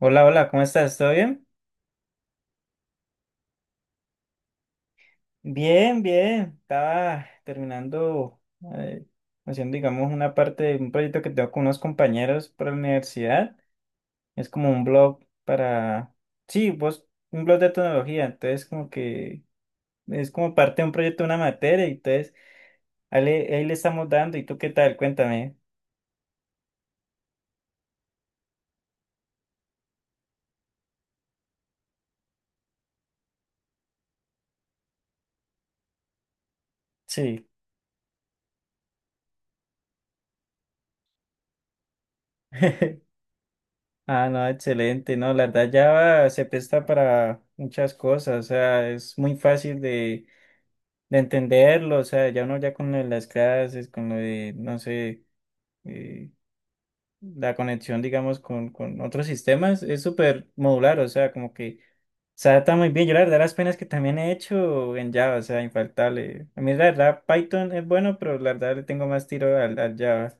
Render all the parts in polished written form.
Hola, hola, ¿cómo estás? ¿Todo bien? Bien, bien. Estaba terminando, eh, haciendo, digamos, una parte de un proyecto que tengo con unos compañeros para la universidad. Es como un blog para, sí, vos, un blog de tecnología. Entonces, como que es como parte de un proyecto, una materia. Entonces, ahí le estamos dando. ¿Y tú qué tal? Cuéntame. Sí. Ah, no, excelente. No, la verdad, Java se presta para muchas cosas. O sea, es muy fácil de entenderlo, o sea, ya uno ya con lo de las clases, con lo de, no sé, eh, la conexión, digamos, con otros sistemas, es súper modular, o sea, como que se adapta muy bien. Yo la verdad las penas que también he hecho en Java, o sea, infaltable. A mí la verdad Python es bueno, pero la verdad le tengo más tiro al Java.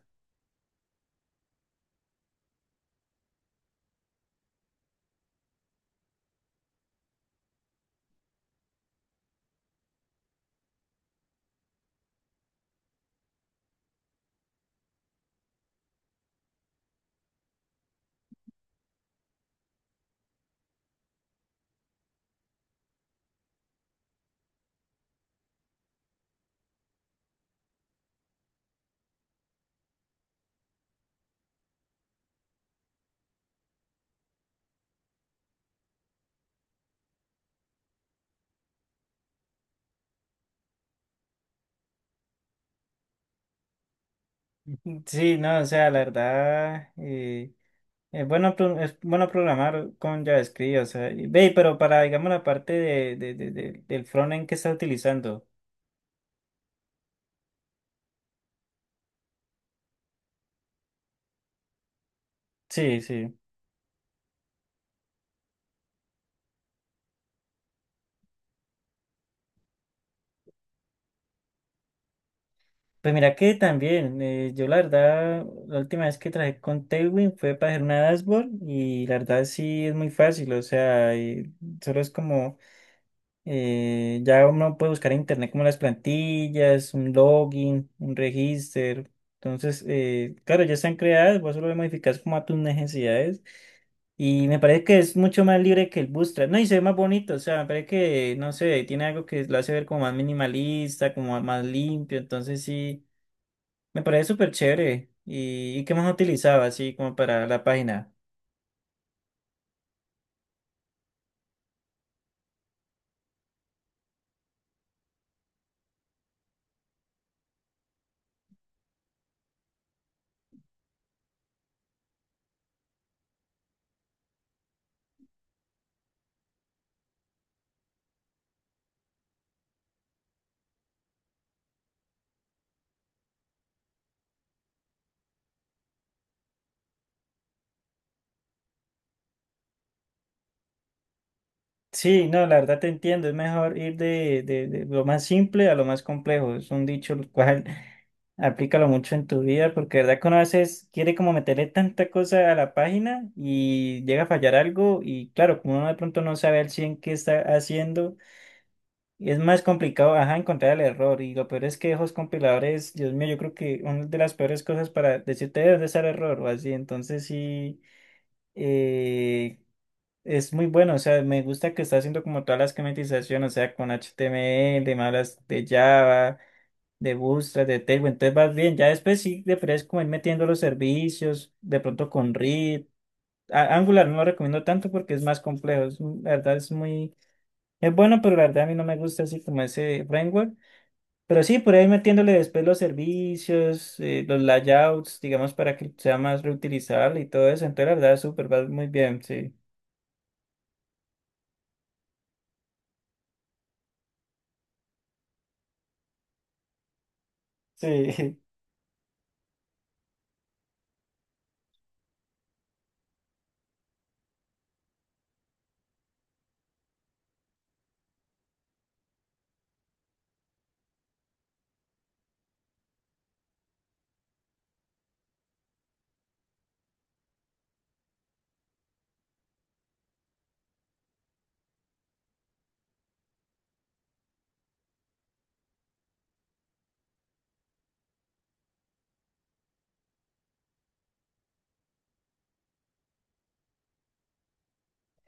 Sí, no, o sea, la verdad, es bueno, es bueno programar con JavaScript, o sea, ve, pero para, digamos, la parte del frontend que está utilizando. Sí, sí. Pues mira que también, yo la verdad, la última vez que trabajé con Tailwind fue para hacer una dashboard y la verdad sí es muy fácil, o sea, y solo es como, ya uno puede buscar en internet como las plantillas, un login, un registro, entonces, claro, ya están creadas, vos solo las modificas como a tus necesidades y me parece que es mucho más libre que el Bootstrap, no, y se ve más bonito, o sea, me parece que, no sé, tiene algo que lo hace ver como más minimalista, como más limpio, entonces sí. Me parece súper chévere. Y qué más utilizaba así como para la página? Sí, no, la verdad te entiendo. Es mejor ir de lo más simple a lo más complejo. Es un dicho el cual aplícalo mucho en tu vida porque de verdad que uno a veces quiere como meterle tanta cosa a la página y llega a fallar algo y claro, como uno de pronto no sabe al 100 qué está haciendo, es más complicado, ajá, encontrar el error. Y lo peor es que esos compiladores, Dios mío, yo creo que una de las peores cosas para decirte dónde está el error o así. Entonces sí. eh, es muy bueno, o sea, me gusta que está haciendo como toda la esquematización, o sea, con HTML, me hablas de Java, de Bootstrap, de Tailwind, entonces vas bien, ya después sí deberías como ir metiendo los servicios, de pronto con React, Angular no lo recomiendo tanto porque es más complejo, la verdad es muy, es bueno, pero la verdad a mí no me gusta así como ese framework, pero sí, por ahí metiéndole después los servicios, los layouts, digamos, para que sea más reutilizable y todo eso, entonces la verdad es súper, va muy bien, sí. Sí.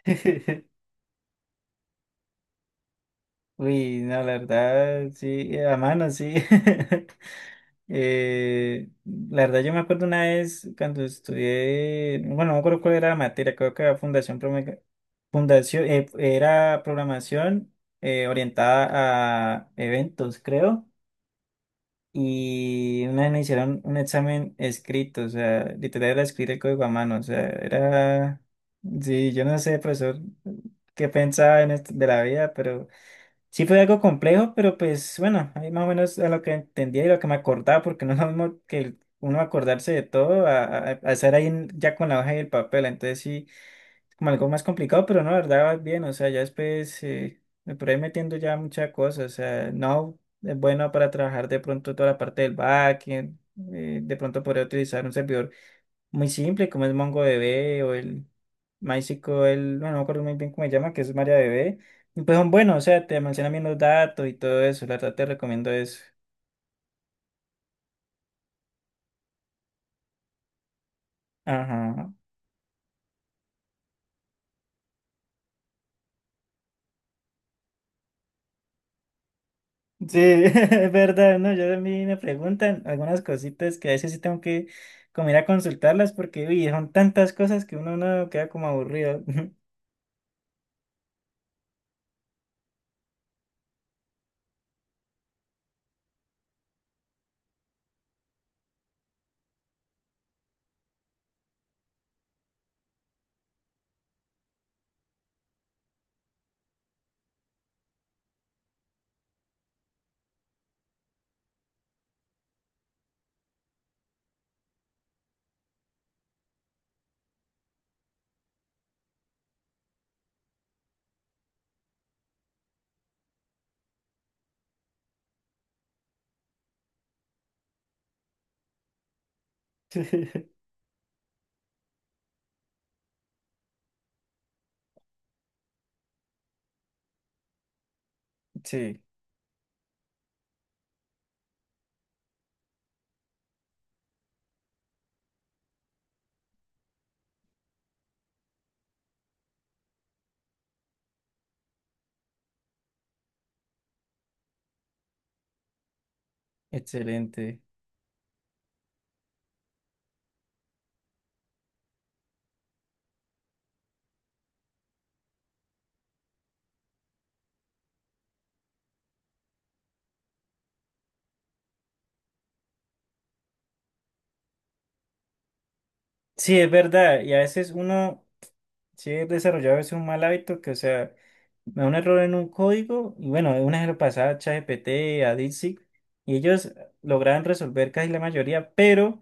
Uy, no, la verdad, sí, a mano, sí. La verdad, yo me acuerdo una vez cuando estudié, bueno, no me acuerdo cuál era la materia, creo que era fundación, prome- fundación era programación orientada a eventos, creo. Y una vez me hicieron un examen escrito, o sea, literal era escribir el código a mano, o sea, era, sí, yo no sé, profesor, qué pensaba en esto de la vida. Sí fue algo complejo, pero pues bueno, ahí más o menos a lo que entendía y lo que me acordaba, porque no es lo mismo uno acordarse de todo a estar ahí ya con la hoja y el papel, entonces sí, como algo más complicado, pero no, la verdad va bien, o sea, ya después me por ahí metiendo ya muchas cosas, o sea, no es bueno para trabajar de pronto toda la parte del backend, de pronto podría utilizar un servidor muy simple, como es MongoDB o el MySQL, bueno, no me acuerdo muy bien cómo se llama, que es MariaDB. Y pues son buenos, o sea, te mencionan bien los datos y todo eso, la verdad te recomiendo eso. Ajá. Sí, es verdad, ¿no? Yo también me preguntan algunas cositas que a veces sí tengo que como ir a consultarlas porque, uy, son tantas cosas que uno no queda como aburrido. Sí, sí, excelente. Sí, es verdad, y a veces uno... Sí, he desarrollado a veces un mal hábito que, o sea, me da un error en un código y bueno, una vez lo pasaba a ChatGPT, a DeepSeek y ellos lograban resolver casi la mayoría, pero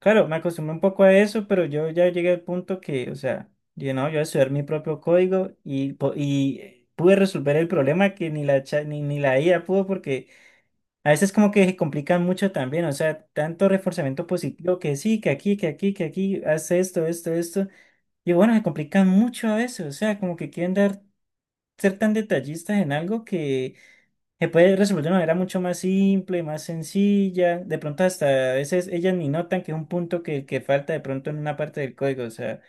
claro, me acostumbré un poco a eso, pero yo ya llegué al punto que, o sea, yo no, yo voy a estudiar mi propio código y pude resolver el problema que ni la IA pudo porque a veces como que se complican mucho también, o sea, tanto reforzamiento positivo que sí, que aquí, que aquí, que aquí, haz esto, esto, esto. Y bueno, se complican mucho a veces, o sea, como que quieren dar ser tan detallistas en algo que se puede resolver de una manera mucho más simple, más sencilla. De pronto hasta a veces ellas ni notan que es un punto que falta de pronto en una parte del código. O sea,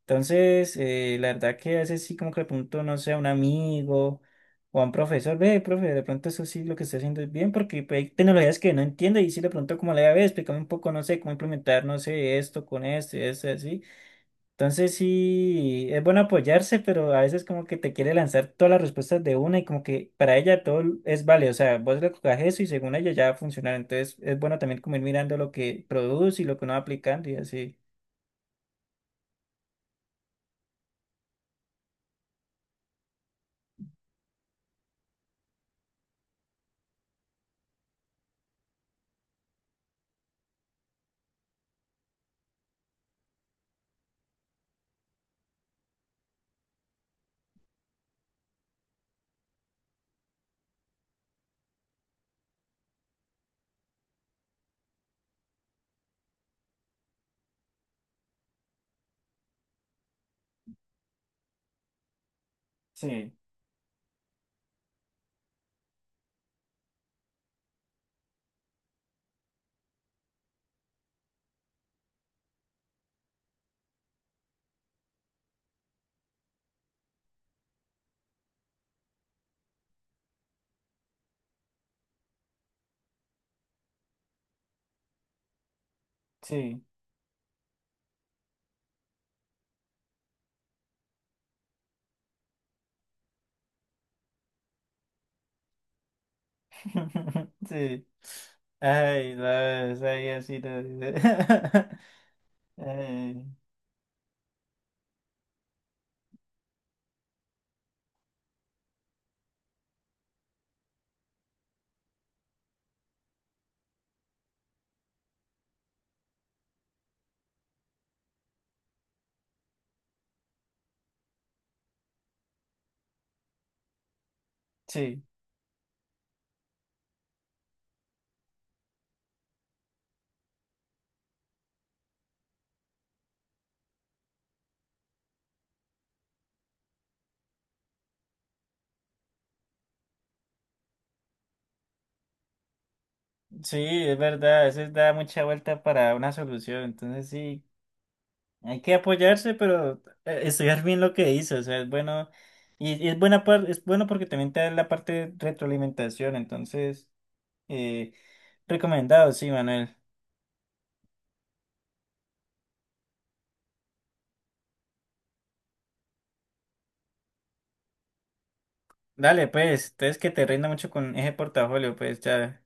entonces la verdad que a veces sí como que le pregunto, no sé, a un amigo o a un profesor, ve, profe, de pronto eso sí lo que está haciendo es bien porque pues, hay tecnologías que no entiende y sí de pronto como le ve, explícame un poco, no sé, cómo implementar, no sé, esto con esto y esto y así. Entonces sí, es bueno apoyarse, pero a veces como que te quiere lanzar todas las respuestas de una y como que para ella todo es válido. O sea, vos le colocas eso y según ella ya va a funcionar. Entonces es bueno también como ir mirando lo que produce y lo que uno va aplicando y así. Sí, sí. Sí. Ay, no, es ahí así. No. Ay, sí, sí, es verdad. A veces da mucha vuelta para una solución. Entonces sí. Hay que apoyarse, pero estudiar bien lo que dice, o sea, es bueno, y es bueno porque también te da la parte de retroalimentación, entonces, eh, recomendado, sí, Manuel. Dale, pues, entonces que te rinda mucho con ese portafolio, pues, ya.